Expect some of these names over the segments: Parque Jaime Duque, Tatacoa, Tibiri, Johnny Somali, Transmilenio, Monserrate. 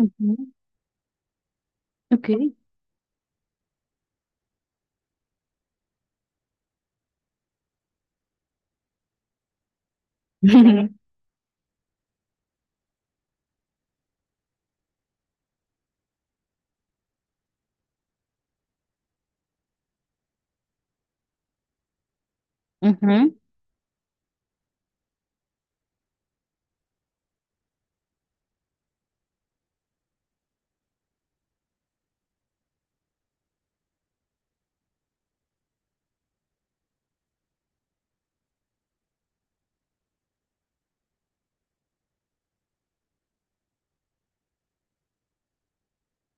Ujú. Ok. Claro.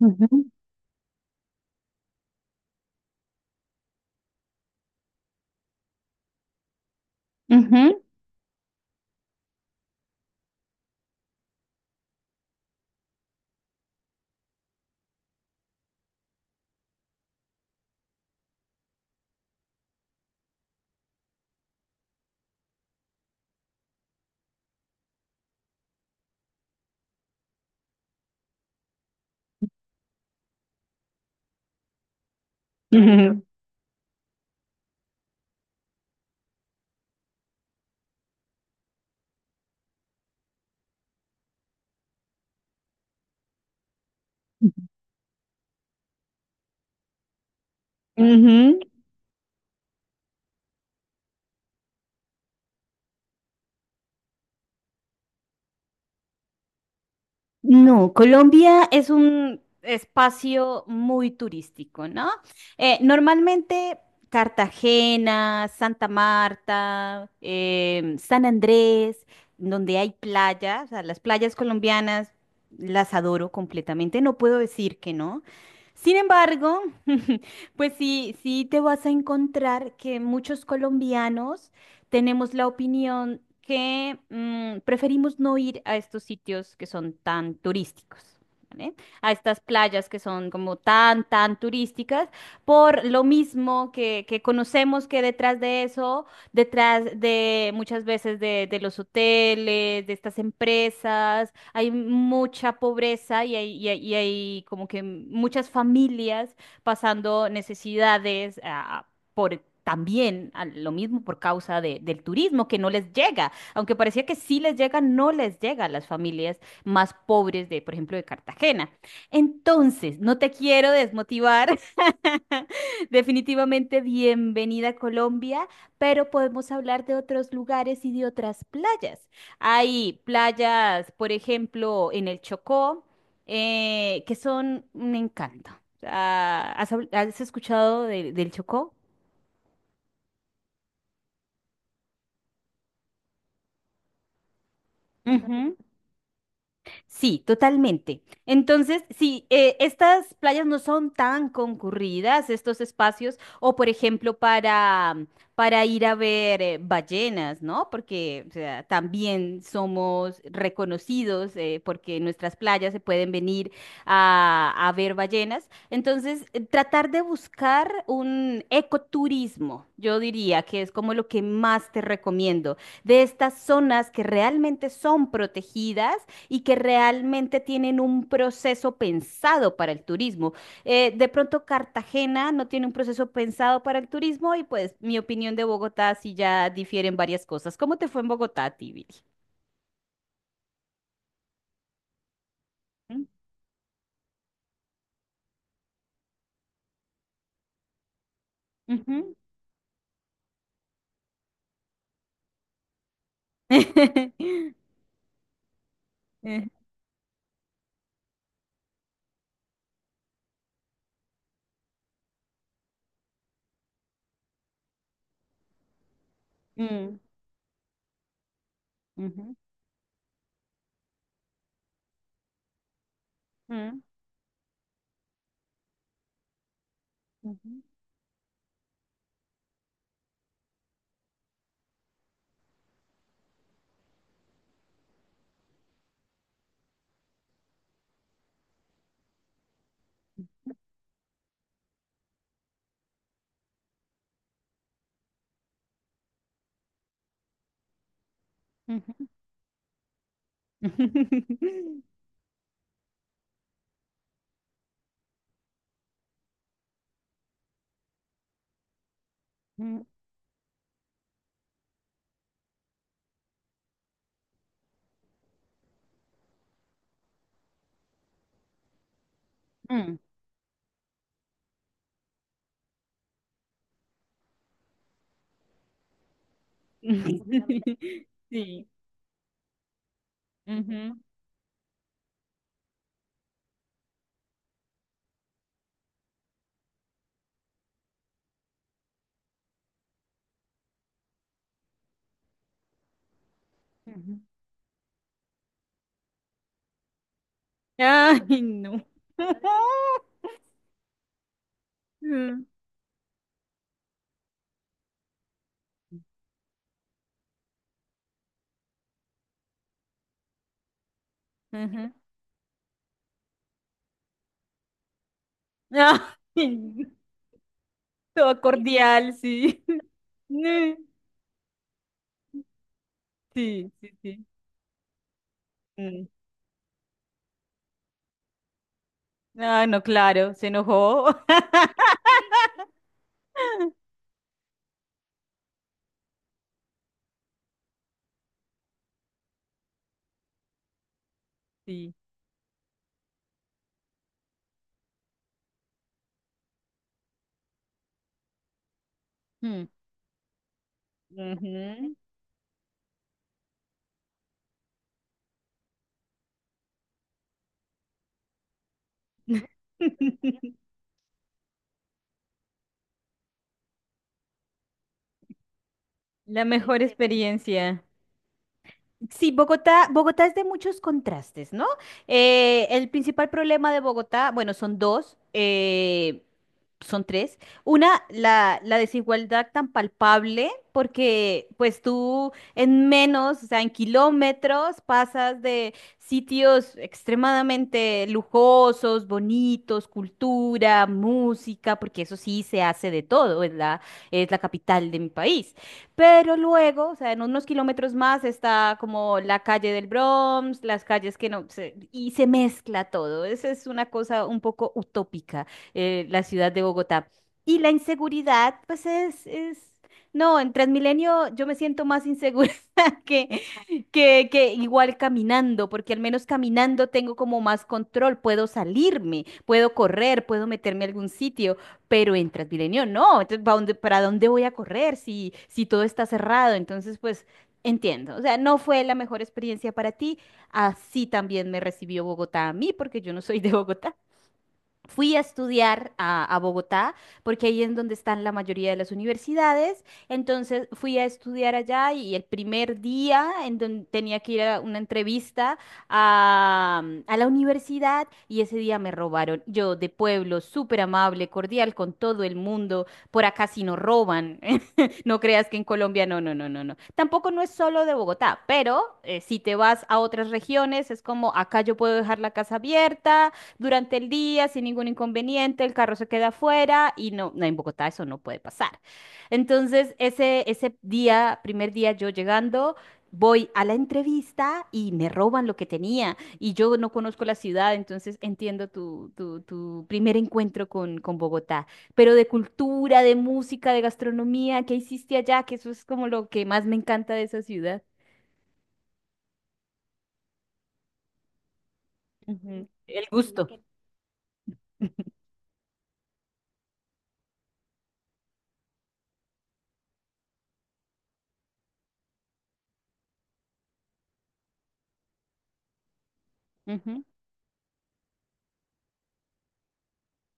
Ujú, ujú, ujú, ujú, ujú. No, Colombia es un espacio muy turístico, ¿no? Normalmente Cartagena, Santa Marta, San Andrés, donde hay playas, o sea, las playas colombianas las adoro completamente, no puedo decir que no. Sin embargo, pues sí, sí te vas a encontrar que muchos colombianos tenemos la opinión que preferimos no ir a estos sitios que son tan turísticos, ¿vale? A estas playas que son como tan, tan turísticas, por lo mismo que, conocemos que detrás de eso, detrás de muchas veces de los hoteles, de estas empresas, hay mucha pobreza y hay como que muchas familias pasando necesidades, por también a lo mismo por causa del turismo que no les llega, aunque parecía que sí les llega, no les llega a las familias más pobres de, por ejemplo, de Cartagena. Entonces, no te quiero desmotivar. Definitivamente bienvenida a Colombia, pero podemos hablar de otros lugares y de otras playas. Hay playas, por ejemplo, en el Chocó, que son un encanto. Ah, ¿has escuchado del Chocó? Ujú. Sí, totalmente. Entonces, sí, estas playas no son tan concurridas, estos espacios, o por ejemplo para ir a ver ballenas, ¿no? Porque o sea, también somos reconocidos porque en nuestras playas se pueden venir a ver ballenas. Entonces, tratar de buscar un ecoturismo, yo diría que es como lo que más te recomiendo, de estas zonas que realmente son protegidas y que realmente tienen un proceso pensado para el turismo. De pronto Cartagena no tiene un proceso pensado para el turismo y pues mi opinión de Bogotá sí ya difieren varias cosas. ¿Cómo te fue en Bogotá, Tibiri? Mm, ujú. Eh, mm, ujú, mm, ujú, ujú. Mm, mm. Sí. Ujú, ujú. Ay, no. Mm, ujú, ah, todo cordial, sí. Mm. Sí, sí, sí. Mm. Ah, no, claro, se enojó. Sí. Mm. Ujú. La mejor experiencia. Sí, Bogotá, Bogotá es de muchos contrastes, ¿no? El principal problema de Bogotá, bueno, son dos, son tres. Una, la desigualdad tan palpable, porque pues tú en menos, o sea, en kilómetros, pasas de sitios extremadamente lujosos, bonitos, cultura, música, porque eso sí se hace de todo, es la capital de mi país pero luego, o sea, en unos kilómetros más está como la calle del Bronx, las calles que no, y se mezcla todo. Esa es una cosa un poco utópica, la ciudad de Bogotá. Y la inseguridad, pues no, en Transmilenio yo me siento más insegura que, que igual caminando, porque al menos caminando tengo como más control, puedo salirme, puedo correr, puedo meterme a algún sitio pero en Transmilenio no, entonces ¿para dónde, voy a correr si todo está cerrado? Entonces, pues entiendo, o sea, no fue la mejor experiencia para ti, así también me recibió Bogotá a mí porque yo no soy de Bogotá. Fui a estudiar a Bogotá, porque ahí es donde están la mayoría de las universidades. Entonces fui a estudiar allá y el primer día en donde tenía que ir a una entrevista a la universidad y ese día me robaron. Yo de pueblo, súper amable, cordial con todo el mundo. Por acá sí no roban. No creas que en Colombia no, no, no, no, no. Tampoco no es solo de Bogotá, pero si te vas a otras regiones es como acá yo puedo dejar la casa abierta durante el día sin ningún inconveniente, el carro se queda afuera y no, no, en Bogotá eso no puede pasar. Entonces, ese día, primer día yo llegando, voy a la entrevista y me roban lo que tenía y yo no conozco la ciudad, entonces entiendo tu primer encuentro con Bogotá, pero de cultura, de música, de gastronomía, ¿qué hiciste allá? Que eso es como lo que más me encanta de esa ciudad. Ujú. El gusto. Ujú,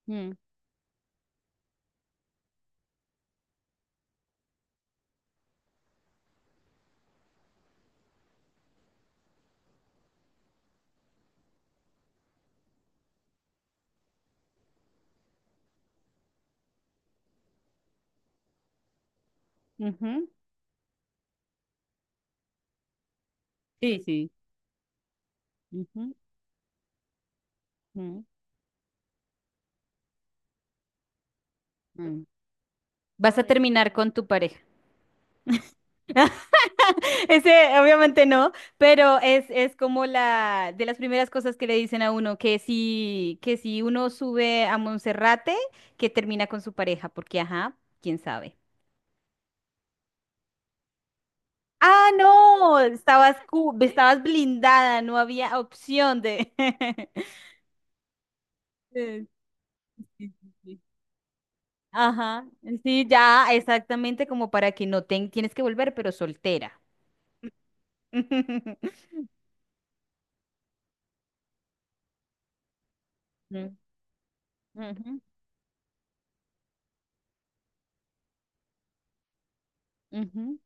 mm, ujú. Sí, sí. Ujú, mm. Mm. Vas a terminar con tu pareja. Ese obviamente no, pero es como la de las primeras cosas que le dicen a uno, que si, uno sube a Monserrate, que termina con su pareja, porque ajá, quién sabe. Ah, no, estabas blindada, no había opción de... Sí, sí, sí. Ajá, sí, ya, exactamente como para que no tienes que volver, pero soltera. Mm. Ujú, ujú.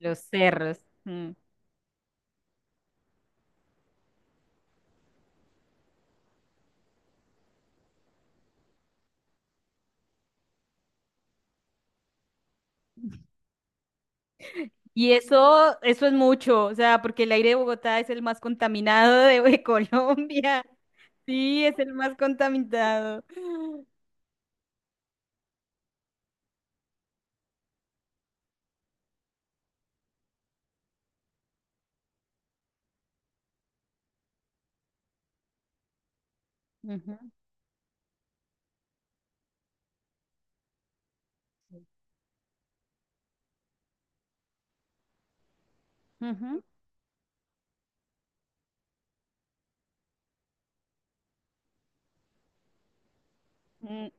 Los cerros. Mm. Y eso es mucho, o sea, porque el aire de Bogotá es el más contaminado de Colombia. Sí, es el más contaminado. Ujú, ujú, mm,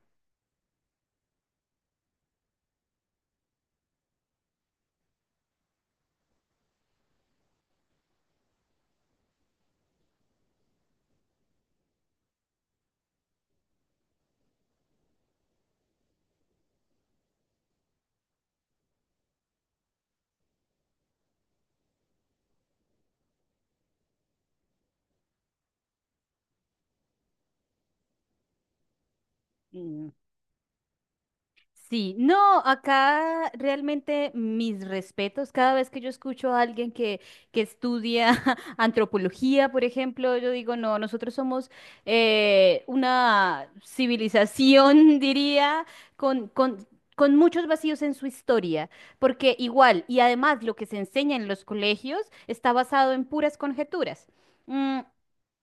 mm. Sí, no, acá realmente mis respetos. Cada vez que yo escucho a alguien que estudia antropología, por ejemplo, yo digo, no, nosotros somos una civilización, diría, con, con, con, muchos vacíos en su historia, porque igual, y además lo que se enseña en los colegios está basado en puras conjeturas. Mm.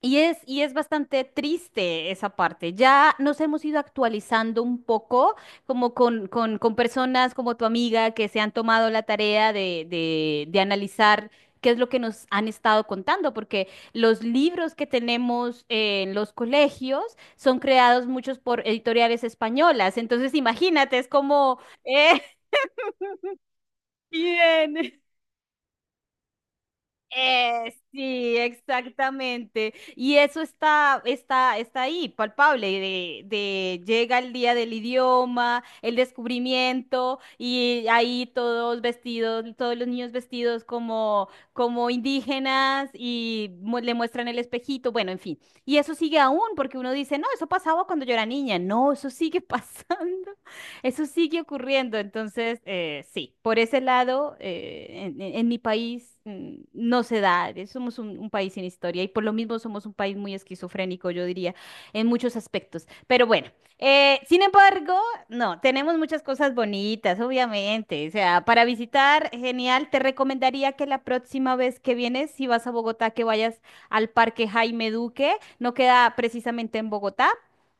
Y es bastante triste esa parte. Ya nos hemos ido actualizando un poco como con, con personas como tu amiga que se han tomado la tarea de analizar qué es lo que nos han estado contando, porque los libros que tenemos en los colegios son creados muchos por editoriales españolas. Entonces, imagínate, es como, bien. Sí, exactamente. Y eso está, está ahí, palpable, de, llega el día del idioma, el descubrimiento, y ahí todos vestidos, todos los niños vestidos como indígenas, y le muestran el espejito, bueno, en fin. Y eso sigue aún, porque uno dice, no, eso pasaba cuando yo era niña. No, eso sigue pasando. Eso sigue ocurriendo, entonces sí, por ese lado, en, en mi país no se da, somos un país sin historia y por lo mismo somos un país muy esquizofrénico, yo diría, en muchos aspectos. Pero bueno, sin embargo, no, tenemos muchas cosas bonitas, obviamente, o sea, para visitar, genial, te recomendaría que la próxima vez que vienes, si vas a Bogotá, que vayas al Parque Jaime Duque, no queda precisamente en Bogotá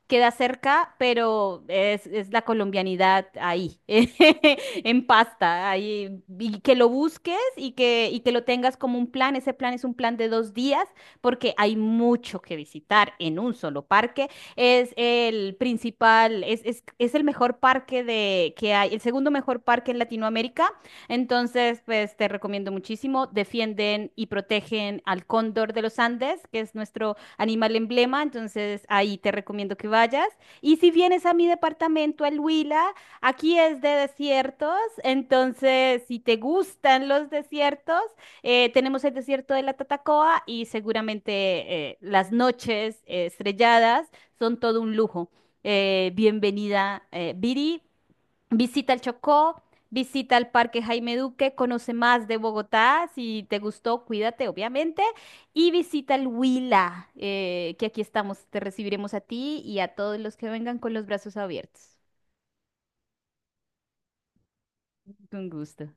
queda cerca, pero es la colombianidad ahí, en pasta, ahí, y que lo busques y que lo tengas como un plan. Ese plan es un plan de 2 días porque hay mucho que visitar en un solo parque. Es el principal, es el mejor parque que hay, el segundo mejor parque en Latinoamérica. Entonces, pues te recomiendo muchísimo. Defienden y protegen al cóndor de los Andes, que es nuestro animal emblema, entonces ahí te recomiendo que vayas. Y si vienes a mi departamento, al Huila, aquí es de desiertos, entonces si te gustan los desiertos, tenemos el desierto de la Tatacoa y seguramente las noches estrelladas son todo un lujo. Bienvenida, Viri. Visita el Chocó, visita el Parque Jaime Duque, conoce más de Bogotá, si te gustó, cuídate, obviamente, y visita el Huila, que aquí estamos, te recibiremos a ti y a todos los que vengan con los brazos abiertos. Con gusto.